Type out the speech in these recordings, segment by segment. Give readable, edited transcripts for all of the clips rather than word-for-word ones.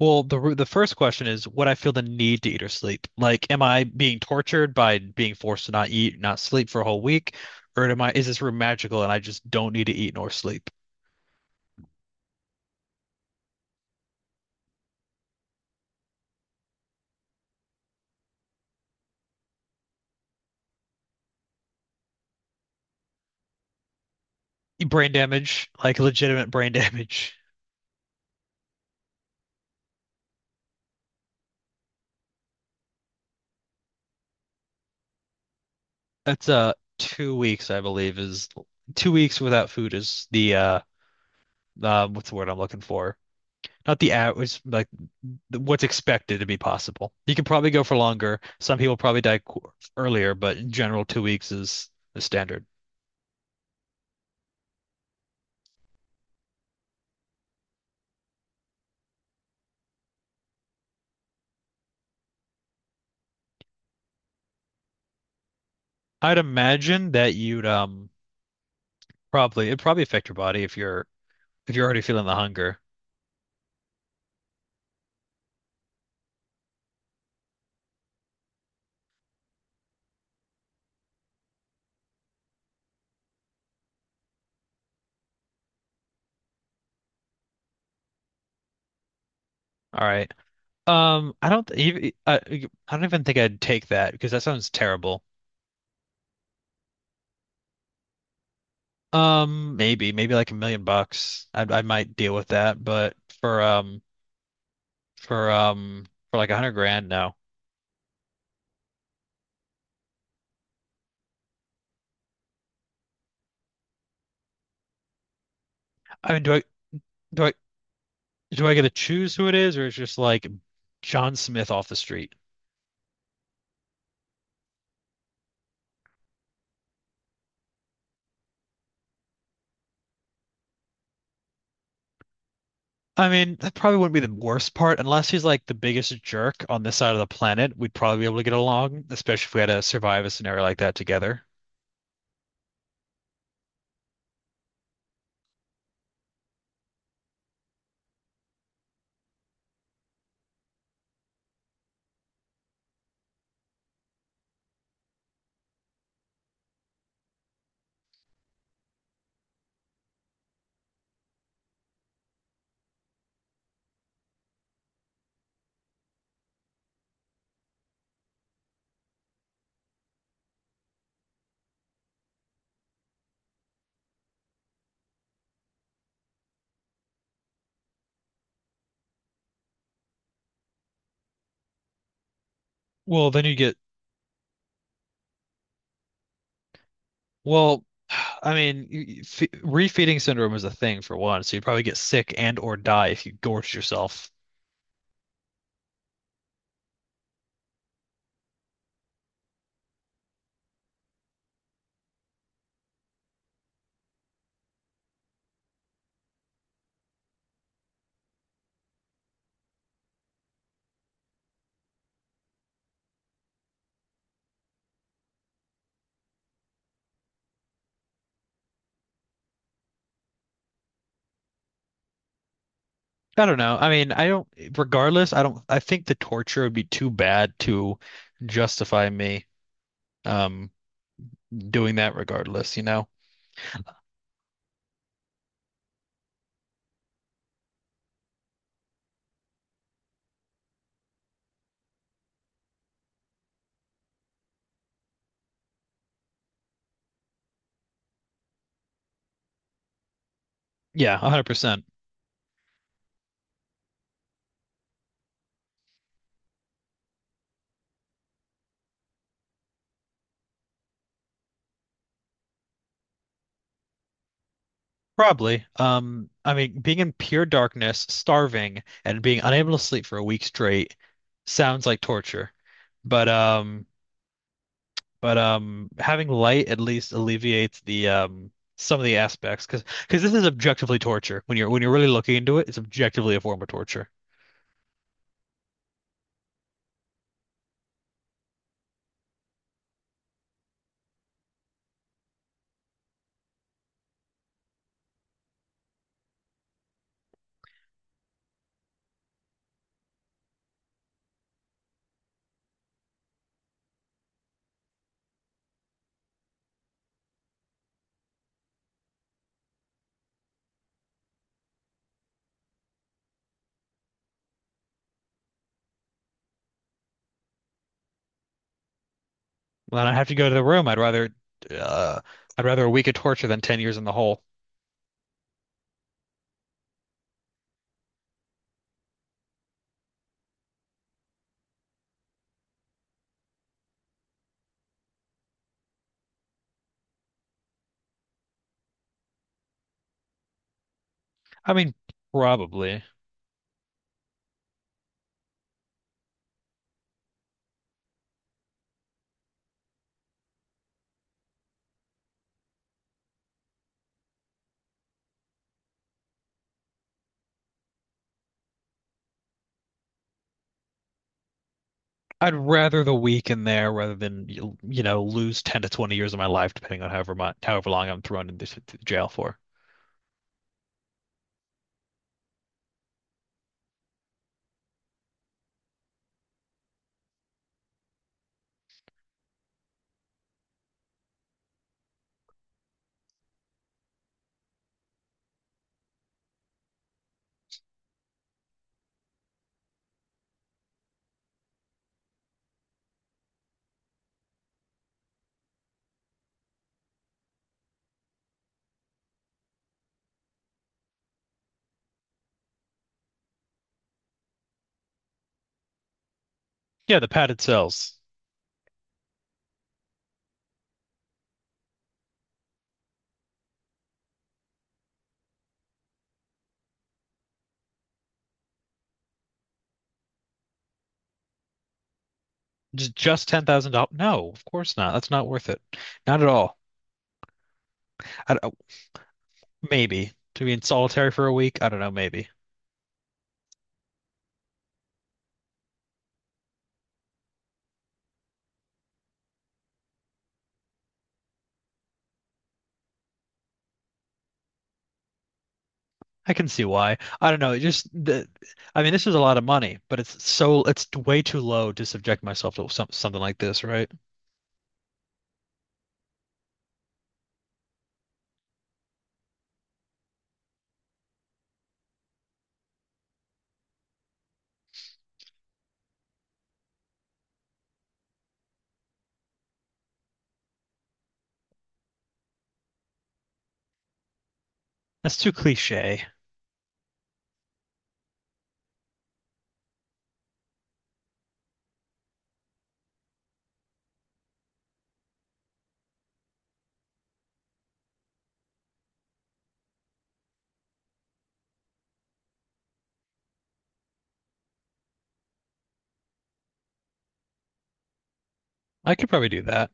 Well, the first question is, would I feel the need to eat or sleep? Like, am I being tortured by being forced to not eat, not sleep for a whole week, or am I is this room magical and I just don't need to eat nor sleep? Brain damage, like legitimate brain damage. That's 2 weeks, I believe, is 2 weeks without food is the what's the word I'm looking for? Not the average, like what's expected to be possible. You can probably go for longer. Some people probably die qu earlier, but in general, 2 weeks is the standard. I'd imagine that you'd probably it'd probably affect your body if you're already feeling the hunger. All right. I don't even think I'd take that because that sounds terrible. Maybe maybe like a million bucks. I might deal with that, but for like a hundred grand, no. I mean, do I do I get to choose who it is, or is just like John Smith off the street? I mean, that probably wouldn't be the worst part, unless he's like the biggest jerk on this side of the planet. We'd probably be able to get along, especially if we had to survive a scenario like that together. Well, then you get, well, I mean, you- you- fe refeeding syndrome is a thing for one, so you'd probably get sick and or die if you gorged yourself. I don't know. I mean, I don't, Regardless, I don't, I think the torture would be too bad to justify me um doing that regardless, you know? Yeah, 100%. Probably. I mean, being in pure darkness, starving, and being unable to sleep for a week straight sounds like torture. But um, but Having light at least alleviates the some of the aspects because this is objectively torture. When you're really looking into it, it's objectively a form of torture. Well, I have to go to the room, uh, I'd rather a week of torture than 10 years in the hole. I mean, probably. I'd rather the week in there rather than you, you know, lose 10 to 20 years of my life depending on however much, however long I'm thrown into jail for. Yeah, the padded cells. Just $10,000? No, of course not. That's not worth it. Not at all. I don't- Maybe to be in solitary for a week, I don't know, maybe. I can see why. I don't know. It just the I mean, this is a lot of money, but it's way too low to subject myself to something like this, right? That's too cliche. I could probably do that.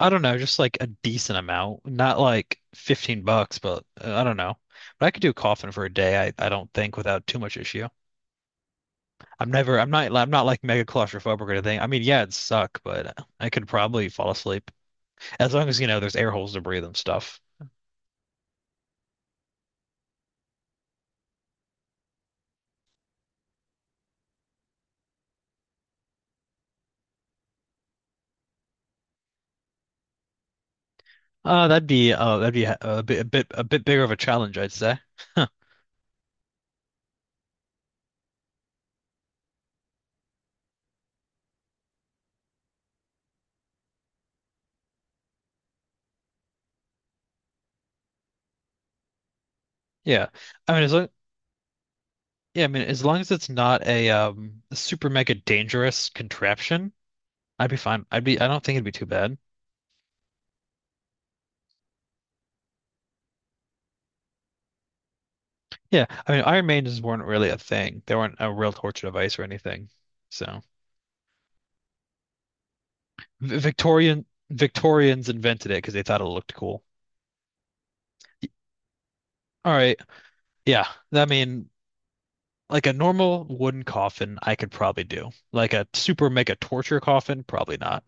I don't know, just like a decent amount, not like 15 bucks, but I don't know. But I could do a coffin for a day, I don't think without too much issue. I'm not like mega claustrophobic or anything. I mean, yeah, it'd suck, but I could probably fall asleep as long as, you know, there's air holes to breathe and stuff. That'd be a bit bigger of a challenge, I'd say. Yeah. I mean, as long, yeah, I mean, as long as it's not super mega dangerous contraption, I'd be fine. I don't think it'd be too bad. Yeah, I mean, Iron Maidens weren't really a thing. They weren't a real torture device or anything. So, V- Victorian Victorians invented it because they thought it looked cool. All right. Yeah. I mean, like a normal wooden coffin, I could probably do. Like a super mega torture coffin, probably not.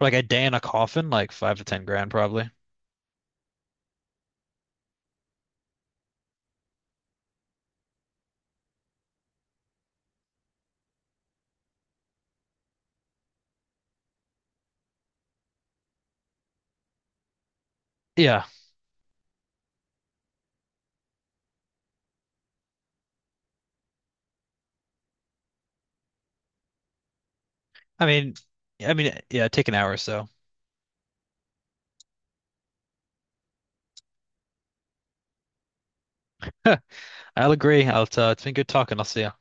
Like a day in a coffin, like 5 to 10 grand, probably. Yeah. I mean, I mean, yeah, take an hour or so. I'll agree. It's been good talking. I'll see you.